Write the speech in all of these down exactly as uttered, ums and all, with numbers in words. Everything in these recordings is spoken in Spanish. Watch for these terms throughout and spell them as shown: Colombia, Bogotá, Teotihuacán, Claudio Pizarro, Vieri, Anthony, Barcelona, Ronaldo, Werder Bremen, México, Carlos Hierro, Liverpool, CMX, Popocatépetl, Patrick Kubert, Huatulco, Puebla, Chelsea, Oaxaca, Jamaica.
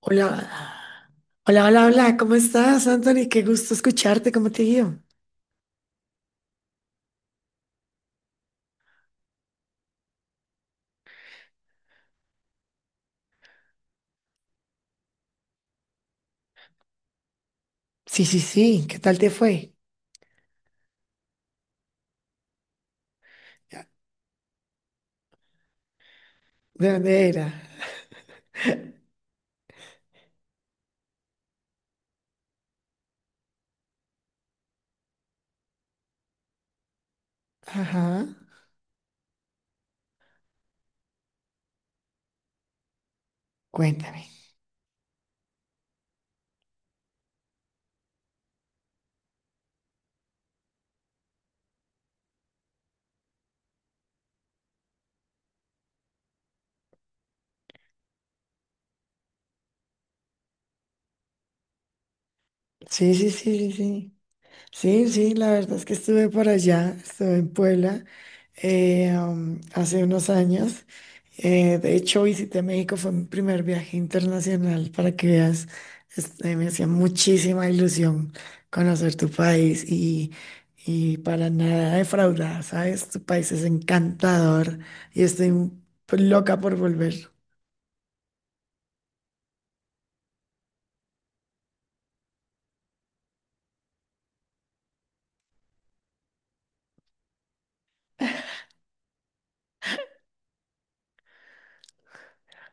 Hola, hola, hola, hola, ¿cómo estás, Anthony? Qué gusto escucharte, ¿cómo te digo? Sí, sí, sí, ¿qué tal te fue? ¿De dónde era? Ajá, cuéntame. Sí, sí, sí, sí, sí. Sí, sí, la verdad es que estuve por allá, estuve en Puebla eh, am, hace unos años. Eh, de hecho, visité México, fue mi primer viaje internacional para que veas. Este, me hacía muchísima ilusión conocer tu país y, y para nada defraudada, ¿sabes? Tu país es encantador y estoy loca por volver.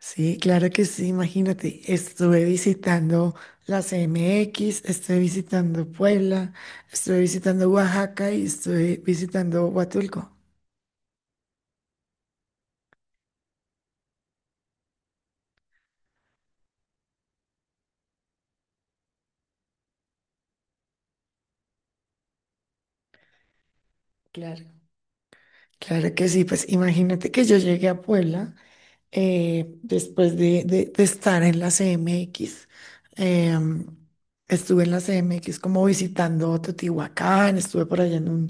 Sí, claro que sí, imagínate, estuve visitando la X, estuve visitando Puebla, estuve visitando Oaxaca y estuve visitando Huatulco. Claro. Claro que sí, pues imagínate que yo llegué a Puebla eh, después de, de- de estar en la C M X. em, Estuve en la C M X como visitando Teotihuacán, estuve por allá en un,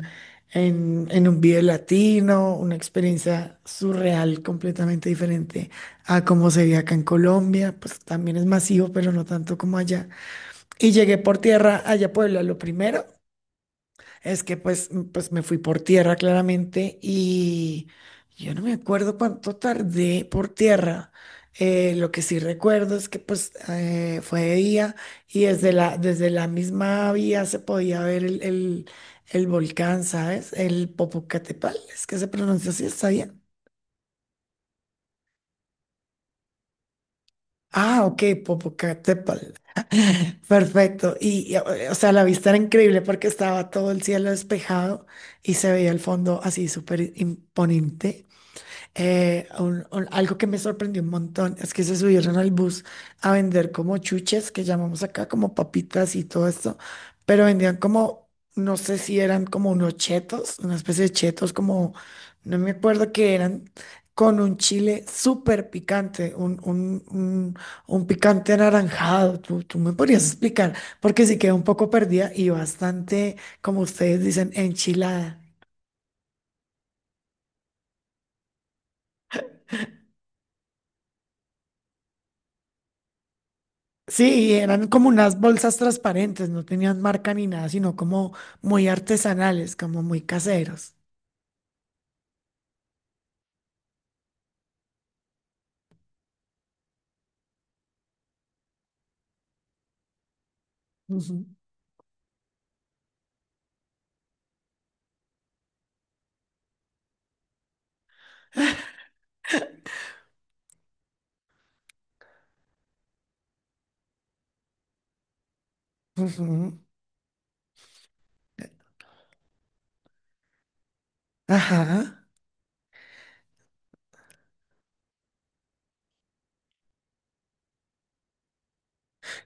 en, en un video latino, una experiencia surreal completamente diferente a como se ve acá en Colombia, pues también es masivo, pero no tanto como allá. Y llegué por tierra allá a Puebla, lo primero. Es que pues, m- pues me fui por tierra claramente y yo no me acuerdo cuánto tardé por tierra. Eh, lo que sí recuerdo es que pues eh, fue de día y desde la, desde la misma vía se podía ver el, el, el volcán, ¿sabes? El Popocatépetl, es que se pronuncia así, ¿está bien? Ah, ok, Popocatépetl. Perfecto. Y, y, o sea, la vista era increíble porque estaba todo el cielo despejado y se veía el fondo así súper imponente. Eh, un- un- algo que me sorprendió un montón es que se subieron al bus a vender como chuches, que llamamos acá como papitas y todo esto, pero vendían como, no sé si eran como unos chetos, una especie de chetos, como, no me acuerdo qué eran, con un chile súper picante, un, un, un, un picante anaranjado. ¿Tú, tú me podrías explicar? Porque sí quedé un poco perdida y bastante, como ustedes dicen, enchilada. Sí, eran como unas bolsas transparentes, no tenían marca ni nada, sino como muy artesanales, como muy caseros. Ujú. Ujú, ajá.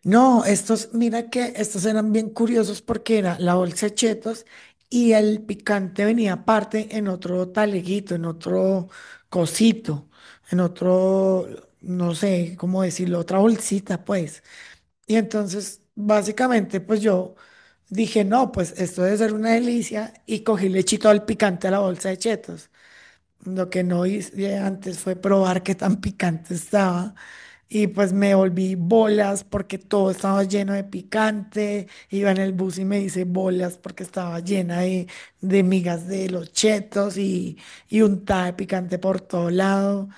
No, estos, mira que estos eran bien curiosos porque era la bolsa de chetos y el picante venía aparte en otro taleguito, en otro cosito, en otro, no sé cómo decirlo, otra bolsita, pues. Y entonces, básicamente, pues yo dije, no, pues esto debe ser una delicia y cogí lechito al picante a la bolsa de chetos. Lo que no hice antes fue probar qué tan picante estaba. Y pues me volví bolas porque todo estaba lleno de picante. Iba en el bus y me hice bolas porque estaba llena de, de migas de los chetos y, y untada de picante por todo lado.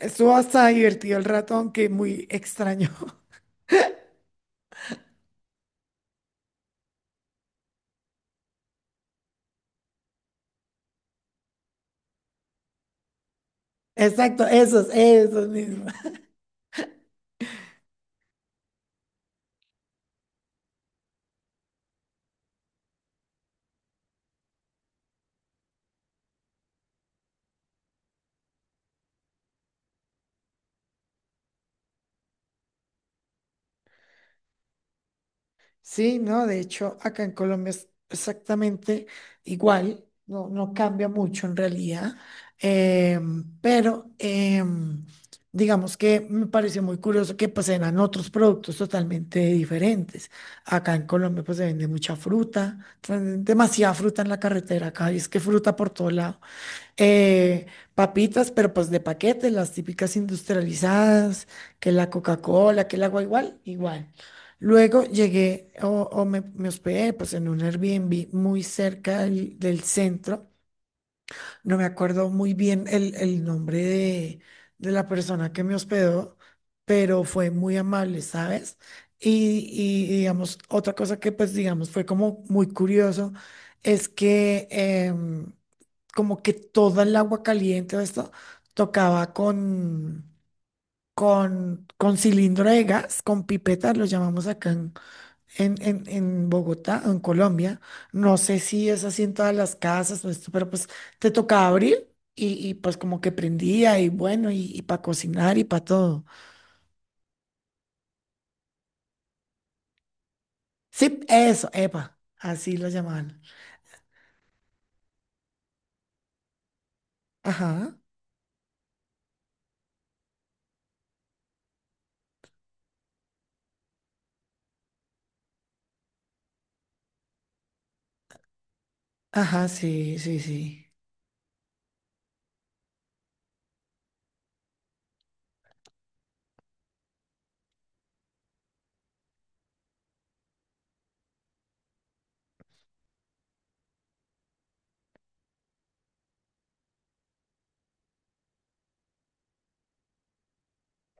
Estuvo hasta divertido el rato, aunque muy extraño. Exacto, esos, esos mismos. Sí, no, de hecho, acá en Colombia es exactamente igual, no, no cambia mucho en realidad, em, pero em, digamos que me pareció muy curioso que pues eran otros productos totalmente diferentes. Acá en Colombia pues se vende mucha fruta, venden demasiada fruta en la carretera acá, y es que fruta por todos lados. eh, Papitas, pero pues de paquete, las típicas industrializadas, que la Coca-Cola, que el agua igual, igual. Luego llegué o, o me, me hospedé pues en un Airbnb muy cerca del, del centro. No me acuerdo muy bien el, el nombre de, de la persona que me hospedó, pero fue muy amable, ¿sabes? Y, y digamos, otra cosa que pues digamos fue como muy curioso es que... em, como que toda el agua caliente o esto tocaba con, con, con cilindro de gas, con pipetas, lo llamamos acá en, en, en- en Bogotá, en Colombia. No sé si es así en todas las casas o esto, pero pues te tocaba abrir y, y, pues como que prendía y bueno, y, para cocinar y para todo. Sí, eso, epa, así lo llamaban. Ajá, ajá, sí, sí, sí.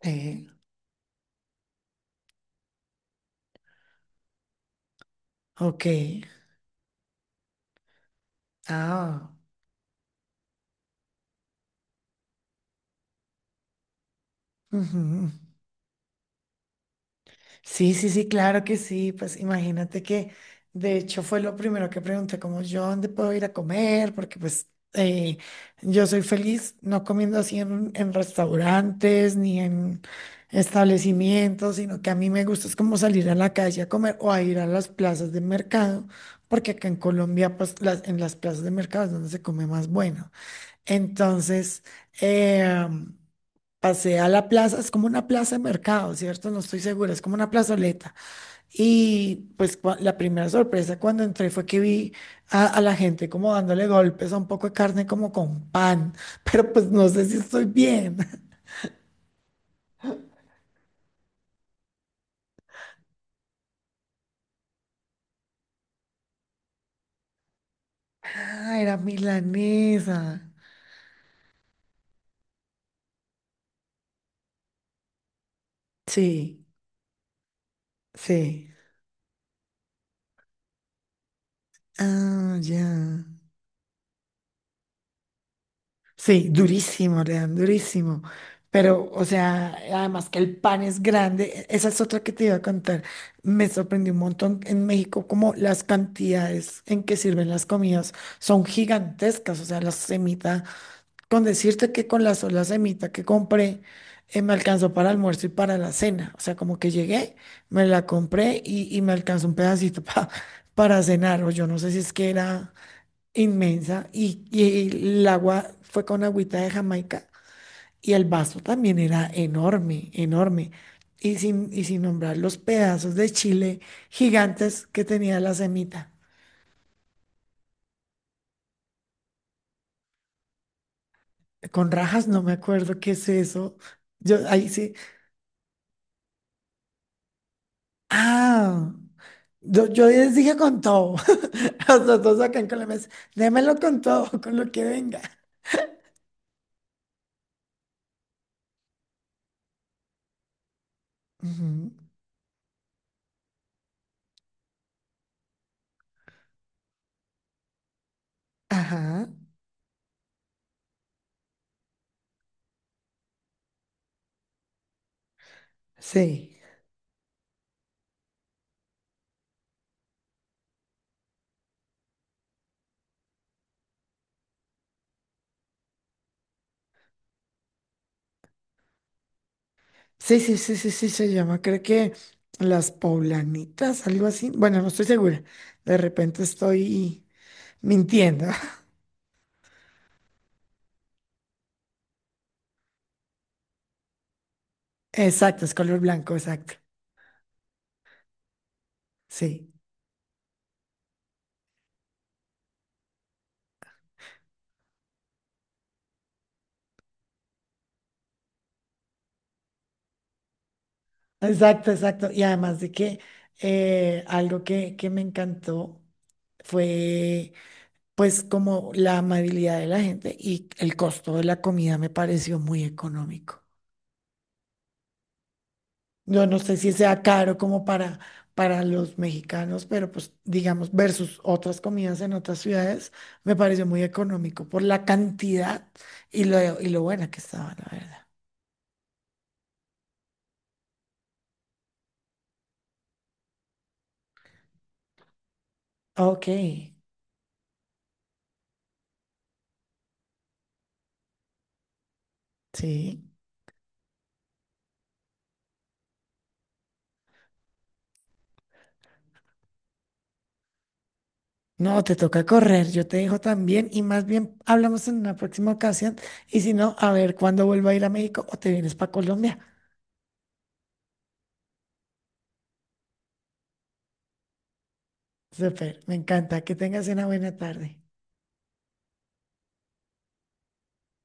Eh, ok. Ah. Ujú. Sí, sí, sí, claro que sí. Pues imagínate que de hecho fue lo primero que pregunté, como yo dónde puedo ir a comer, porque pues eh, yo soy feliz no comiendo así en, en restaurantes ni en establecimientos, sino que a mí me gusta es como salir a la calle a comer o a ir a las plazas de mercado, porque acá en Colombia pues las, en las plazas de mercado es donde se come más bueno. Entonces, em, pasé a la plaza, es como una plaza de mercado, ¿cierto? No estoy segura, es como una plazoleta. Y pues cua- la primera sorpresa cuando entré fue que vi a, a la gente como dándole golpes a un poco de carne como con pan, pero pues no sé si estoy bien. Ah, era milanesa. Sí, sí. Ah, ya. Sí, durísimo, le dan durísimo. Pero, o sea, además que el pan es grande, e- esa es otra que te iba a contar. Me sorprendió un montón en México como las cantidades en que sirven las comidas son gigantescas. O sea, la semita, con decirte que con la sola semita que compré, eh, me alcanzó para almuerzo y para la cena. O sea, como que llegué, me la compré y, y me alcanzó un pedacito pa- para cenar. O yo no sé si es que era inmensa y, y el agua fue con agüita de Jamaica y el vaso también era enorme, enorme. Y sin, y sin nombrar los pedazos de chile gigantes que tenía la semita. Con rajas, no me acuerdo qué es eso. Yo ahí sí. Ah, yo, yo les dije con todo. A los dos acá en Colombia, es, démelo con todo, con lo que venga. Ujú. Ajá, sí. Sí, sí, sí, sí, sí, se llama, creo que las poblanitas, algo así. Bueno, no estoy segura. De repente estoy mintiendo. Exacto, es color blanco, exacto. Sí, exacto, exacto. Y además de que eh, algo que, que me encantó fue pues como la amabilidad de la gente y el costo de la comida me pareció muy económico. Yo no sé si sea caro como para, para los mexicanos, pero pues digamos, versus otras comidas en otras ciudades, me pareció muy económico por la cantidad y lo, y lo buena que estaba, la verdad. Ok, sí. No, te toca correr, yo te dejo también y más bien hablamos en una próxima ocasión y si no, a ver cuándo vuelvo a ir a México o te vienes para Colombia. Súper, me encanta, que tengas una buena tarde.